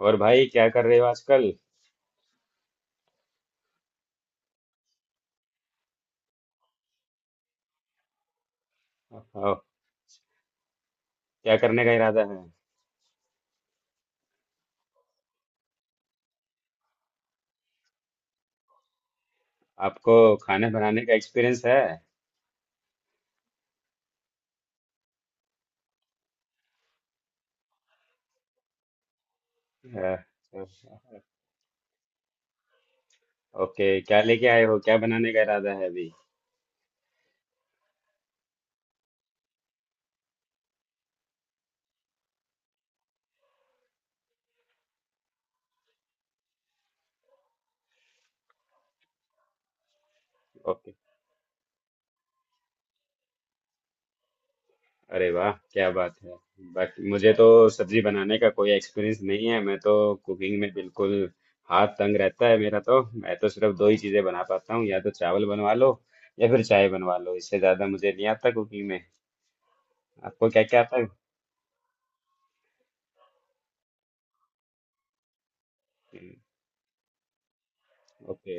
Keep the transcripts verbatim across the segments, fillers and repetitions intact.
और भाई क्या कर रहे हो आजकल। और क्या करने का इरादा है? आपको खाना बनाने का एक्सपीरियंस है? अ, ओके, क्या लेके आए हो, क्या बनाने का इरादा है अभी? ओके। अरे वाह, क्या बात है। बाकी मुझे तो सब्जी बनाने का कोई एक्सपीरियंस नहीं है। मैं तो कुकिंग में बिल्कुल हाथ तंग रहता है मेरा। तो मैं तो सिर्फ दो ही चीजें बना पाता हूँ, या तो चावल बनवा लो या फिर चाय बनवा लो। इससे ज्यादा मुझे नहीं आता कुकिंग में। आपको क्या क्या आता है? ओके।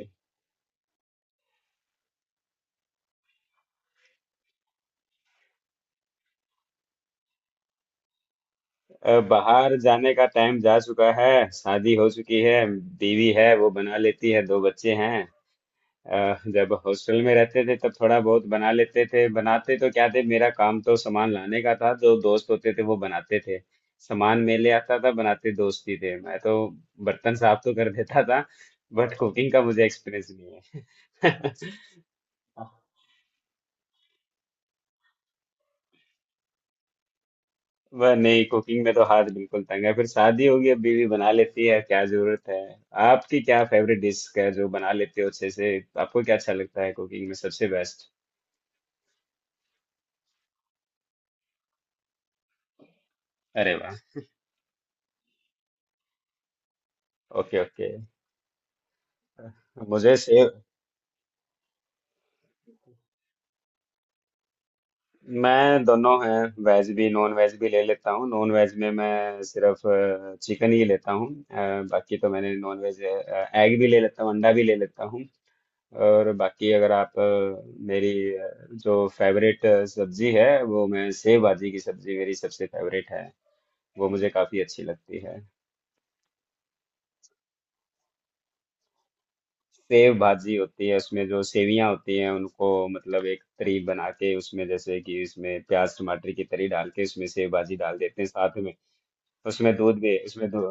अ, बाहर जाने का टाइम जा चुका है, शादी हो चुकी है, बीवी है, वो बना लेती है, दो बच्चे हैं। अ, जब हॉस्टल में रहते थे तब थोड़ा बहुत बना लेते थे। बनाते तो क्या थे, मेरा काम तो सामान लाने का था, जो दोस्त होते थे वो बनाते थे। सामान मैं ले आता था, बनाते दोस्त ही थे, मैं तो बर्तन साफ तो कर देता था, बट कुकिंग का मुझे एक्सपीरियंस नहीं है। वह नहीं, कुकिंग में तो हाथ बिल्कुल तंग है। फिर शादी होगी, अब बीवी बना लेती है, क्या जरूरत है। आपकी क्या फेवरेट डिश है जो बना लेते हो अच्छे से? आपको क्या अच्छा लगता है कुकिंग में सबसे बेस्ट? अरे वाह। Okay okay. मुझे सेव, मैं दोनों हैं, वेज भी नॉन वेज भी ले लेता हूँ। नॉन वेज में मैं सिर्फ चिकन ही लेता हूँ। अ, बाकी तो मैंने नॉन वेज एग भी ले लेता हूँ, अंडा भी ले लेता हूँ। और बाकी अगर आप अ, मेरी अ, जो फेवरेट सब्जी है वो मैं, सेव भाजी की सब्जी मेरी सबसे फेवरेट है। वो मुझे काफी अच्छी लगती है। सेव भाजी होती है, उसमें जो सेवियां होती हैं उनको मतलब एक तरी बना के, उसमें जैसे कि उसमें प्याज टमाटर की तरी डाल के उसमें सेव भाजी डाल देते हैं साथ में। उसमें दूध भी उसमें दू,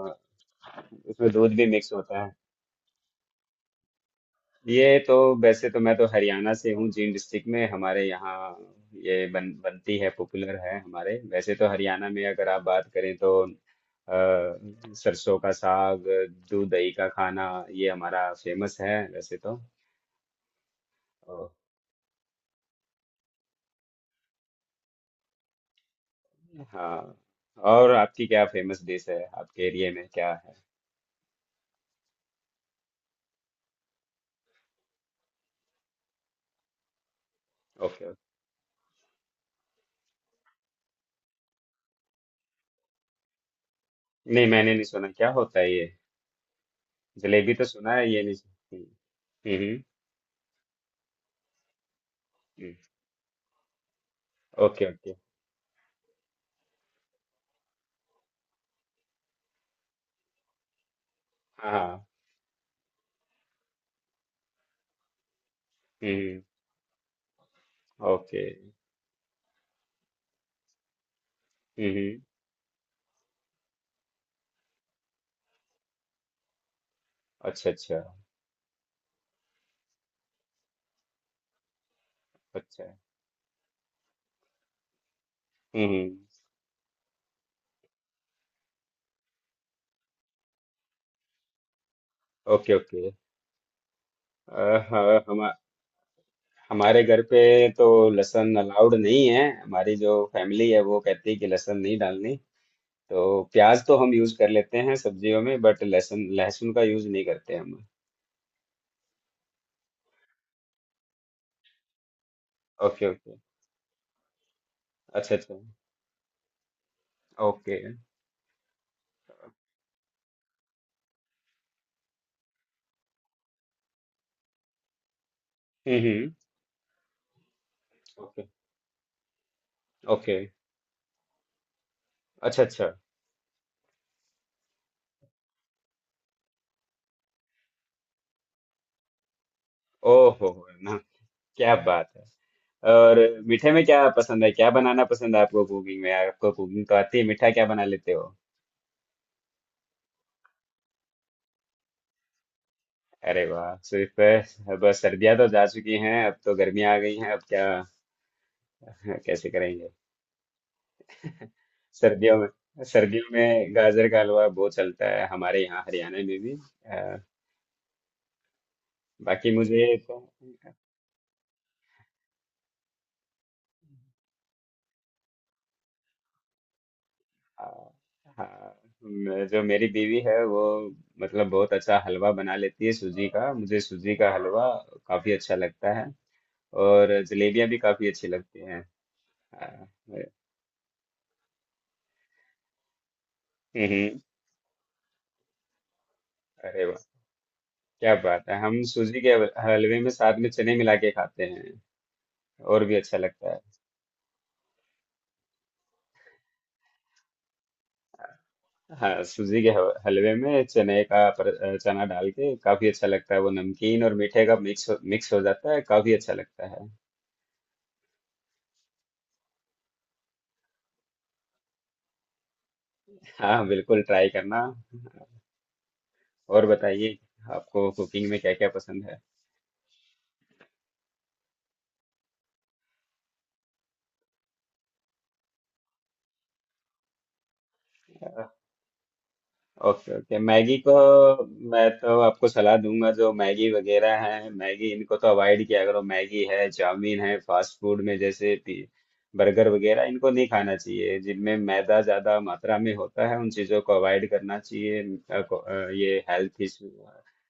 उसमें दूध भी मिक्स होता है। ये तो, वैसे तो मैं तो हरियाणा से हूँ, जींद डिस्ट्रिक्ट में हमारे यहाँ ये बन बनती है, पॉपुलर है हमारे। वैसे तो हरियाणा में अगर आप बात करें तो अ, सरसों का साग, दूध दही का खाना, ये हमारा फेमस है वैसे तो। ओ, हाँ। और आपकी क्या फेमस डिश है, आपके एरिया में क्या है? Okay okay. नहीं, मैंने नहीं सुना, क्या होता है ये? जलेबी तो सुना है, ये नहीं सुन- हम्म हम्म। हम्म, ओके ओके। हाँ हाँ, हम्म। ओके। हम्म हम्म। अच्छा अच्छा। अच्छा। हम्म। Okay okay. अ, हाँ, हम, हमारे घर पे तो लहसुन अलाउड नहीं है। हमारी जो फैमिली है वो कहती है कि लहसुन नहीं डालनी, तो प्याज तो हम यूज कर लेते हैं सब्जियों में, बट लहसुन लहसुन का यूज नहीं करते हम। Okay okay. अच्छा अच्छा। ओके। हम्म हम्म। Okay okay. अच्छा अच्छा। ओहो, हो ना, क्या बात है। और मीठे में क्या पसंद है, क्या बनाना पसंद है आपको कुकिंग में? आपको कुकिंग तो आती है, मीठा क्या बना लेते हो? अरे वाह। सिर्फ अ, बस, सर्दियां तो जा चुकी हैं, अब तो गर्मियां आ गई हैं, अब क्या कैसे करेंगे? सर्दियों में सर्दियों में गाजर का हलवा बहुत चलता है हमारे यहाँ हरियाणा में भी। अ, बाकी मुझे तो अ, हाँ, मैं- जो मेरी बीवी है वो मतलब बहुत अच्छा हलवा बना लेती है सूजी का। मुझे सूजी का हलवा काफी अच्छा लगता है। और जलेबियां भी काफी अच्छी लगती हैं। अ, हम्म हम्म, अरे क्या बात है। हम सूजी के हल- हलवे में साथ में चने मिला के खाते हैं, और भी अच्छा लगता है। हाँ, सूजी के ह- हलवे में चने का पर, चना डाल के काफी अच्छा लगता है। वो नमकीन और मीठे का मिक्स हो, मिक्स हो जाता है, काफी अच्छा लगता है। हाँ बिल्कुल, ट्राई करना। और बताइए, आपको कुकिंग में क्या क्या पसंद है? Okay okay. मैगी को, मैं तो आपको सलाह दूंगा, जो मैगी वगैरह है, मैगी, इनको तो अवॉइड किया करो। मैगी है, चाउमीन है, फास्ट फूड में जैसे पी- बर्गर वगैरह, इनको नहीं खाना चाहिए। जिनमें मैदा ज्यादा मात्रा में होता है उन चीजों को अवॉइड करना चाहिए। अ, को- अ, ये हेल्थ इशू,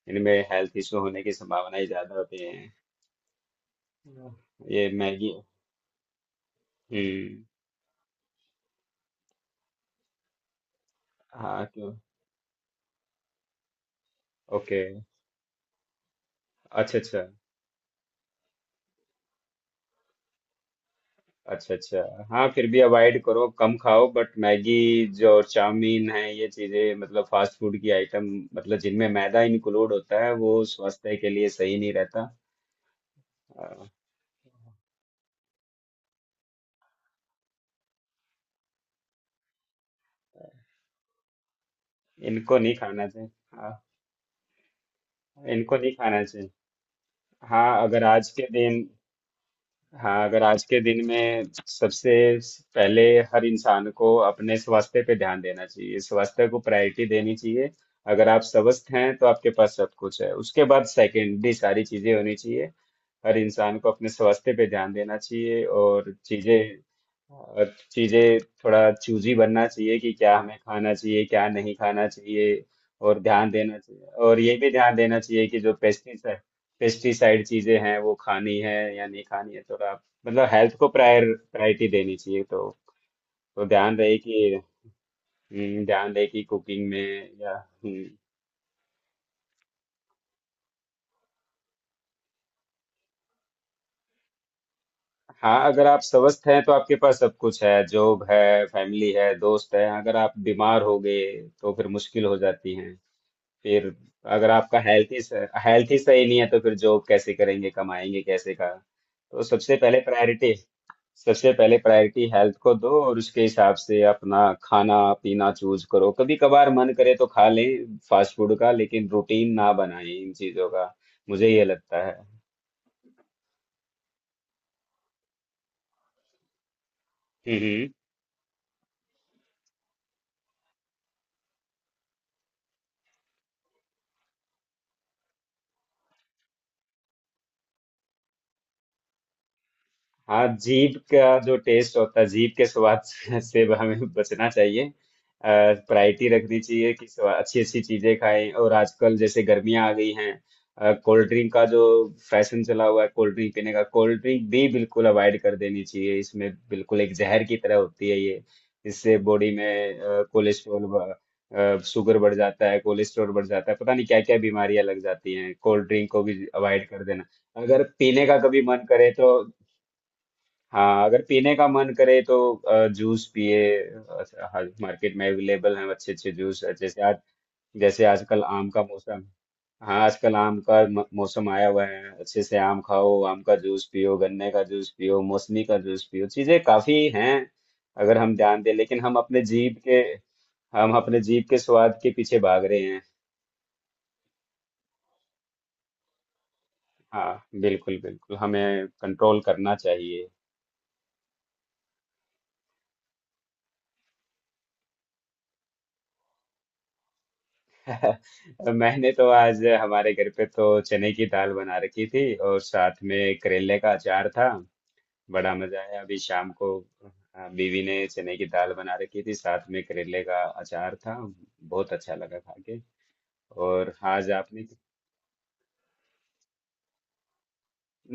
इनमें हेल्थ इशू होने की संभावनाएं ज्यादा होती है। ये मैगी। हम्म। हाँ क्यों? ओके। अच्छा अच्छा। अच्छा अच्छा, हाँ, फिर भी अवॉइड करो, कम खाओ। बट मैगी जो और चाउमीन है, ये चीजें मतलब फास्ट फूड की आइटम, मतलब जिनमें मैदा इंक्लूड होता है, वो स्वास्थ्य के लिए सही नहीं रहता। अ, इनको नहीं खाना चाहिए। हाँ, इनको नहीं खाना चाहिए। हाँ अगर आज के दिन हाँ, अगर आज के दिन में सबसे पहले हर इंसान को अपने स्वास्थ्य पे ध्यान देना चाहिए, स्वास्थ्य को प्रायोरिटी देनी चाहिए। अगर आप स्वस्थ हैं तो आपके पास सब कुछ है। उसके बाद सेकेंडरी सारी चीजें होनी चाहिए। हर इंसान को अपने स्वास्थ्य पे ध्यान देना चाहिए। और चीजें और चीजें थोड़ा चूजी बनना चाहिए कि क्या हमें खाना चाहिए क्या नहीं खाना चाहिए, और ध्यान देना चाहिए। और ये भी ध्यान देना चाहिए कि जो पेस्टिसाइड पेस्टिसाइड चीजें हैं वो खानी है या नहीं खानी है, थोड़ा मतलब हेल्थ को प्रायर प्रायोरिटी देनी चाहिए। तो तो ध्यान रहे कि हम्म, ध्यान रहे कि कुकिंग में या, हम्म, हाँ, अगर आप स्वस्थ हैं तो आपके पास सब कुछ है, जॉब है, फैमिली है, दोस्त है। अगर आप बीमार हो गए तो फिर मुश्किल हो जाती है। फिर अगर आपका हेल्थ ही हेल्थ ही सही नहीं है तो फिर जॉब कैसे करेंगे, कमाएंगे कैसे का। तो सबसे पहले प्रायोरिटी सबसे पहले प्रायोरिटी हेल्थ को दो और उसके हिसाब से अपना खाना पीना चूज करो। कभी कभार मन करे तो खा लें फास्ट फूड का, लेकिन रूटीन ना बनाएं इन चीजों का। मुझे ये लगता है। हम्म। हाँ, जीभ का जो टेस्ट होता है, जीभ के स्वाद से से हमें बचना चाहिए। प्रायोरिटी रखनी चाहिए कि अच्छी अच्छी चीजें खाएं। और आजकल जैसे गर्मियां आ गई हैं, कोल्ड ड्रिंक का जो फैशन चला हुआ है, कोल्ड ड्रिंक पीने का, कोल्ड ड्रिंक भी बिल्कुल अवॉइड कर देनी चाहिए। इसमें बिल्कुल एक जहर की तरह होती है ये। इससे बॉडी में कोलेस्ट्रॉल, शुगर बढ़ जाता है, कोलेस्ट्रॉल बढ़ जाता है, पता नहीं क्या क्या बीमारियां लग जाती हैं। कोल्ड ड्रिंक को भी अवॉइड कर देना। अगर पीने का कभी मन करे तो हाँ, अगर पीने का मन करे तो अ, जूस पिए। अ, हाँ, मार्केट में अवेलेबल हैं अच्छे अच्छे जूस। जैसे आज जैसे आजकल आम का मौसम, हाँ, आजकल आम का म- मौसम आया हुआ है, अच्छे से आम खाओ, आम का जूस पियो, गन्ने का जूस पियो, मौसमी का जूस पियो, चीजें काफी हैं अगर हम ध्यान दें। लेकिन हम अपने जीभ के हम अपने जीभ के स्वाद के पीछे भाग रहे हैं। हाँ बिल्कुल, बिल्कुल, हमें कंट्रोल करना चाहिए। मैंने तो आज हमारे घर पे तो चने की दाल बना रखी थी और साथ में करेले का अचार था। बड़ा मजा आया। अभी शाम को अ, बीवी ने चने की दाल बना रखी थी, साथ में करेले का अचार था, बहुत अच्छा लगा खा के। और आज आपने?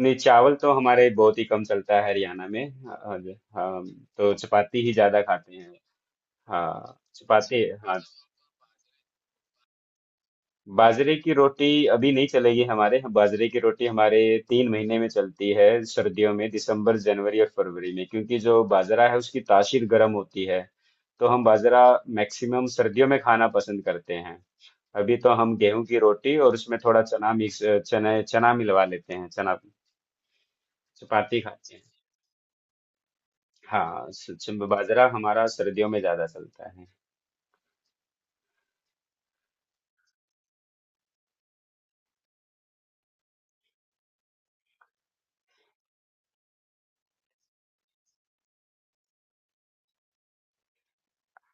नहीं, चावल तो हमारे बहुत ही कम चलता है हरियाणा में। हाँ, हाँ, तो चपाती ही ज्यादा खाते हैं। हाँ, चपाती हाँ। बाजरे की रोटी अभी नहीं चलेगी हमारे यहाँ। बाजरे की रोटी हमारे तीन महीने में चलती है सर्दियों में, दिसंबर, जनवरी और फरवरी में, क्योंकि जो बाजरा है उसकी तासीर गर्म होती है, तो हम बाजरा मैक्सिमम सर्दियों में खाना पसंद करते हैं। अभी तो हम गेहूं की रोटी और उसमें थोड़ा चना मिक्स, चने चना मिलवा लेते हैं, चना चपाती खाते हैं। हाँ, स- च- बाजरा हमारा सर्दियों में ज्यादा चलता है।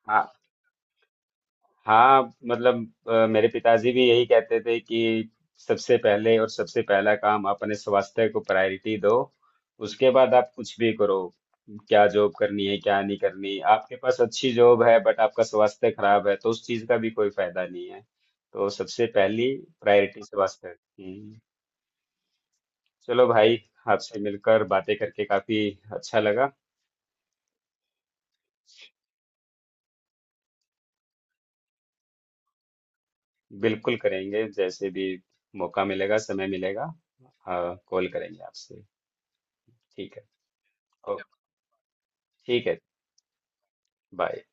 हाँ, हाँ मतलब, अ, मेरे पिताजी भी यही कहते थे कि सबसे पहले और सबसे पहला काम आप अपने स्वास्थ्य को प्रायोरिटी दो, उसके बाद आप कुछ भी करो। क्या जॉब करनी है क्या नहीं करनी, आपके पास अच्छी जॉब है बट आपका स्वास्थ्य खराब है तो उस चीज का भी कोई फायदा नहीं है। तो सबसे पहली प्रायोरिटी स्वास्थ्य। हम्म। चलो भाई, आपसे मिलकर बातें करके काफी अच्छा लगा। बिल्कुल करेंगे, जैसे भी मौका मिलेगा, समय मिलेगा, हाँ, कॉल करेंगे आपसे। ठीक है। ओके। ठीक है। बाय।